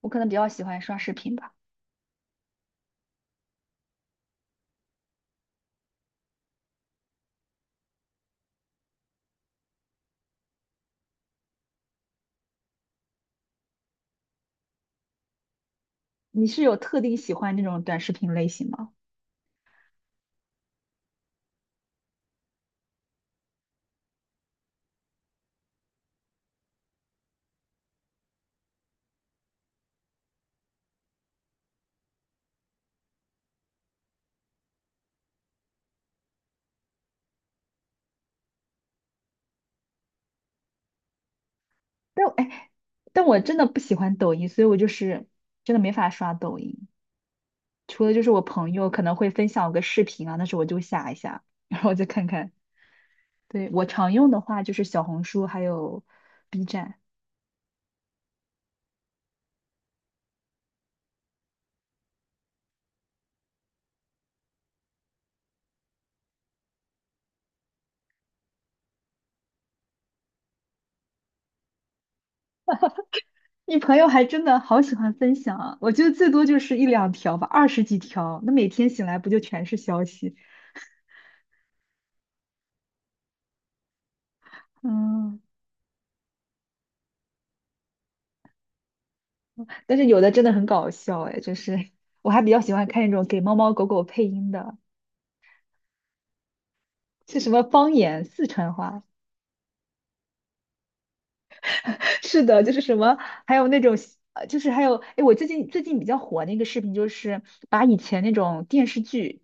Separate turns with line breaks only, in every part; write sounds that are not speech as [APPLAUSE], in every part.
我可能比较喜欢刷视频吧。你是有特定喜欢那种短视频类型吗？但我哎，但我真的不喜欢抖音，所以我就是真的没法刷抖音。除了就是我朋友可能会分享个视频啊，那时候我就下一下，然后我再看看。对，我常用的话就是小红书还有 B 站。你朋友还真的好喜欢分享啊，我觉得最多就是一两条吧，二十几条，那每天醒来不就全是消息？嗯，但是有的真的很搞笑哎，就是我还比较喜欢看那种给猫猫狗狗配音的，是什么方言四川话？[LAUGHS] 是的，就是什么，还有那种就是还有哎，我最近比较火那个视频，就是把以前那种电视剧，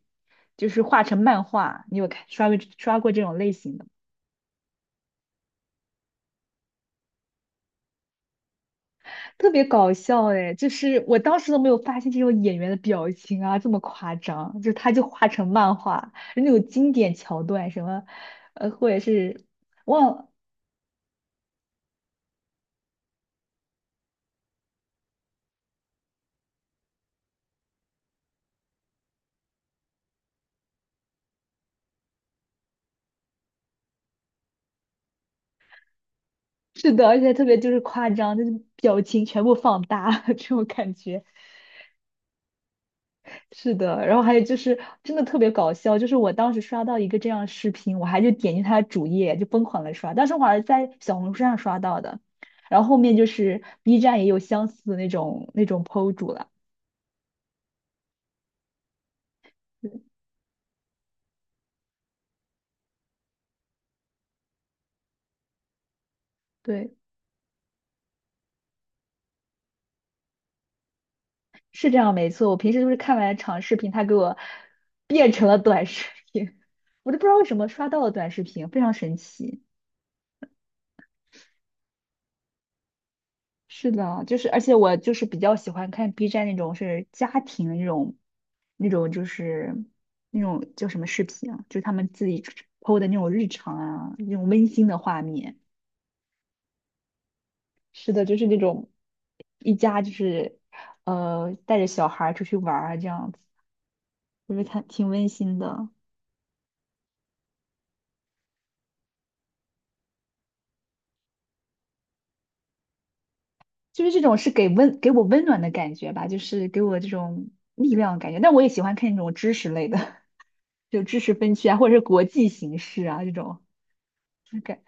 就是画成漫画，你有看刷过刷过这种类型的吗？特别搞笑哎，就是我当时都没有发现这种演员的表情啊这么夸张，就是他就画成漫画，那种经典桥段什么，或者是忘了。是的，而且特别就是夸张，就是表情全部放大 [LAUGHS] 这种感觉。是的，然后还有就是真的特别搞笑，就是我当时刷到一个这样的视频，我还就点进他的主页就疯狂的刷，当时我还是在小红书上刷到的，然后后面就是 B 站也有相似的那种 PO 主了。嗯，对，是这样没错。我平时就是看完长视频，他给我变成了短视频，[LAUGHS] 我都不知道为什么刷到了短视频，非常神奇。是的，就是而且我就是比较喜欢看 B 站那种是家庭的那种，那种就是那种叫什么视频啊，就是他们自己 PO 的那种日常啊，那种温馨的画面。是的，就是那种一家就是带着小孩儿出去玩儿啊这样子，我觉得看挺温馨的，就是这种是给我温暖的感觉吧，就是给我这种力量的感觉。但我也喜欢看那种知识类的，[LAUGHS] 就知识分区啊，或者是国际形势啊这种。就是感。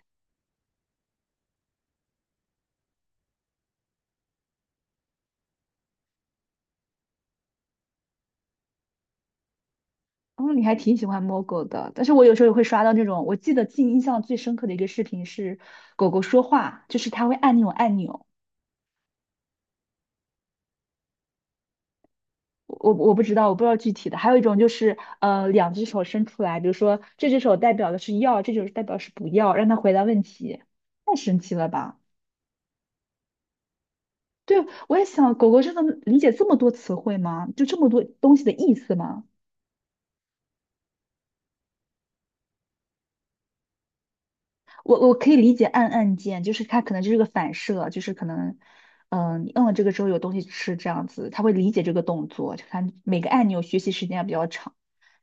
哦，你还挺喜欢摸狗的，但是我有时候也会刷到那种，我记忆印象最深刻的一个视频是狗狗说话，就是它会按那种按钮，我不知道，我不知道具体的。还有一种就是两只手伸出来，比如说这只手代表的是要，这只手代表是不要，让它回答问题，太神奇了吧？对，我也想，狗狗真的理解这么多词汇吗？就这么多东西的意思吗？我可以理解按按键，就是它可能就是个反射，就是可能，嗯、你摁了这个之后有东西吃这样子，他会理解这个动作，就看每个按钮学习时间也比较长。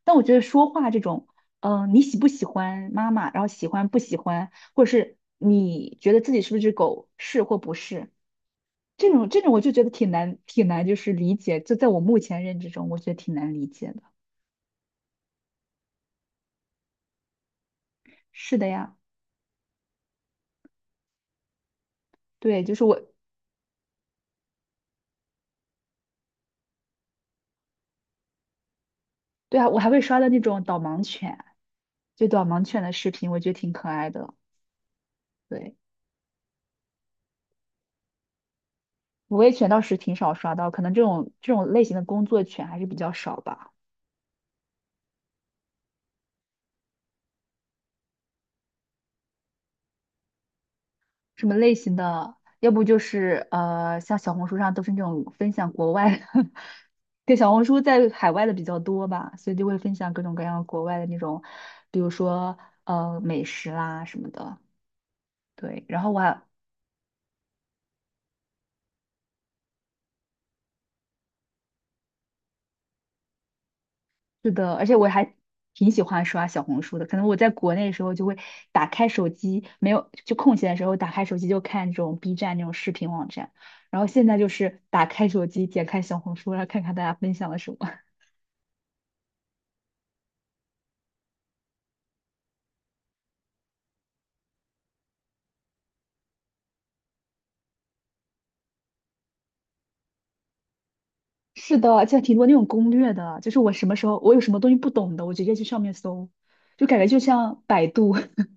但我觉得说话这种，嗯、你喜不喜欢妈妈，然后喜欢不喜欢，或者是你觉得自己是不是只狗，是或不是，这种这种我就觉得挺难，就是理解，就在我目前认知中，我觉得挺难理解的。是的呀，对，就是我，对啊，我还会刷到那种导盲犬。就导盲犬的视频，我觉得挺可爱的。对，无畏犬倒是挺少刷到，可能这种类型的工作犬还是比较少吧。什么类型的？要不就是像小红书上都是那种分享国外的，[LAUGHS] 对，小红书在海外的比较多吧，所以就会分享各种各样国外的那种，比如说美食啦什么的。对，然后我还是的，而且我还挺喜欢刷小红书的。可能我在国内的时候就会打开手机，没有就空闲的时候打开手机就看这种 B 站那种视频网站，然后现在就是打开手机点开小红书，然后看看大家分享了什么。[LAUGHS] 是的，而且挺多那种攻略的，就是我什么时候我有什么东西不懂的，我直接去上面搜，就感觉就像百度。[LAUGHS]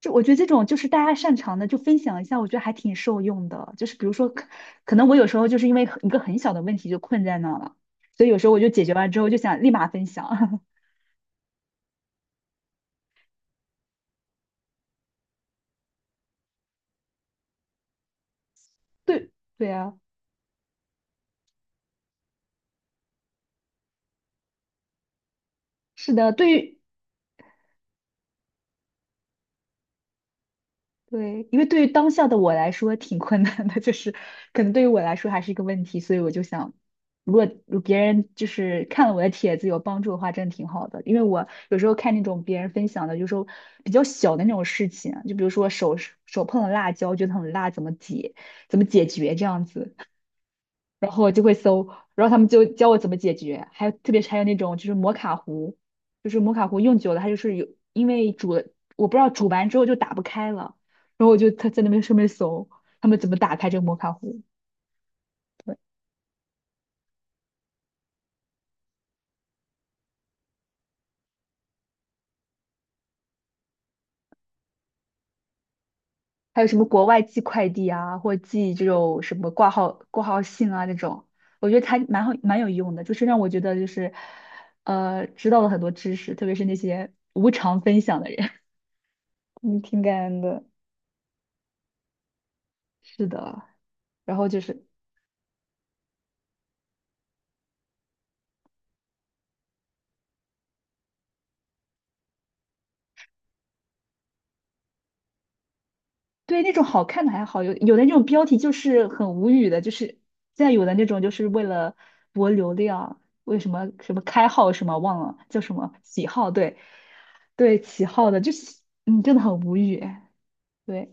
就我觉得这种就是大家擅长的就分享一下，我觉得还挺受用的。就是比如说可，可能我有时候就是因为一个很小的问题就困在那了，所以有时候我就解决完之后就想立马分享。[LAUGHS] 对，对啊，是的，对，因为对于当下的我来说挺困难的，就是可能对于我来说还是一个问题，所以我就想，如果别人就是看了我的帖子有帮助的话，真的挺好的。因为我有时候看那种别人分享的，有时候比较小的那种事情啊，就比如说手碰了辣椒，觉得很辣，怎么解决这样子，然后我就会搜，然后他们就教我怎么解决，还有特别是还有那种就是摩卡壶，就是摩卡壶用久了它就是有，因为煮了，我不知道煮完之后就打不开了，然后我就他在那边上面搜他们怎么打开这个摩卡壶，对，还有什么国外寄快递啊，或寄这种什么挂号信啊这种，我觉得它蛮好蛮有用的，就是让我觉得就是知道了很多知识，特别是那些无偿分享的人，[LAUGHS] 嗯，挺感恩的，是的。然后就是，对，那种好看的还好，有的那种标题就是很无语的，就是现在有的那种就是为了博流量，为什么什么开号什么忘了叫什么起号，对，对起号的，就是嗯真的很无语。对，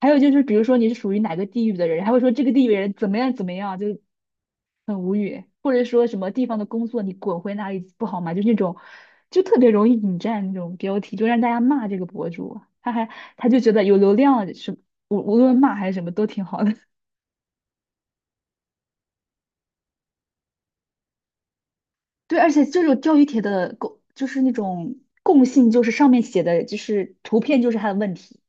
还有就是，比如说你是属于哪个地域的人，还会说这个地域人怎么样怎么样，就很无语。或者说什么地方的工作你滚回哪里不好吗？就那种，就特别容易引战那种标题，就让大家骂这个博主。他就觉得有流量是无论骂还是什么都挺好的。[LAUGHS] 对，而且这种钓鱼帖的就是那种共性，就是上面写的就是图片就是他的问题。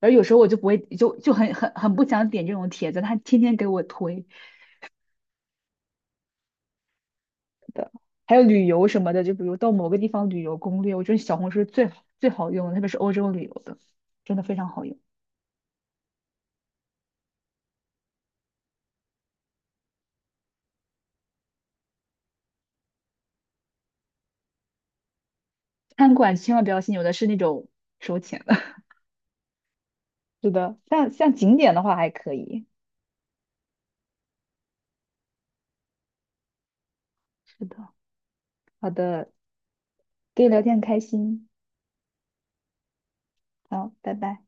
而有时候我就不会，就很不想点这种帖子，他天天给我推。的。还有旅游什么的，就比如到某个地方旅游攻略，我觉得小红书是最好用的，特别是欧洲旅游的，真的非常好用。餐馆千万不要信，有的是那种收钱的。[LAUGHS] 是的，像像景点的话还可以。是的，好的，跟你聊天很开心，好，拜拜。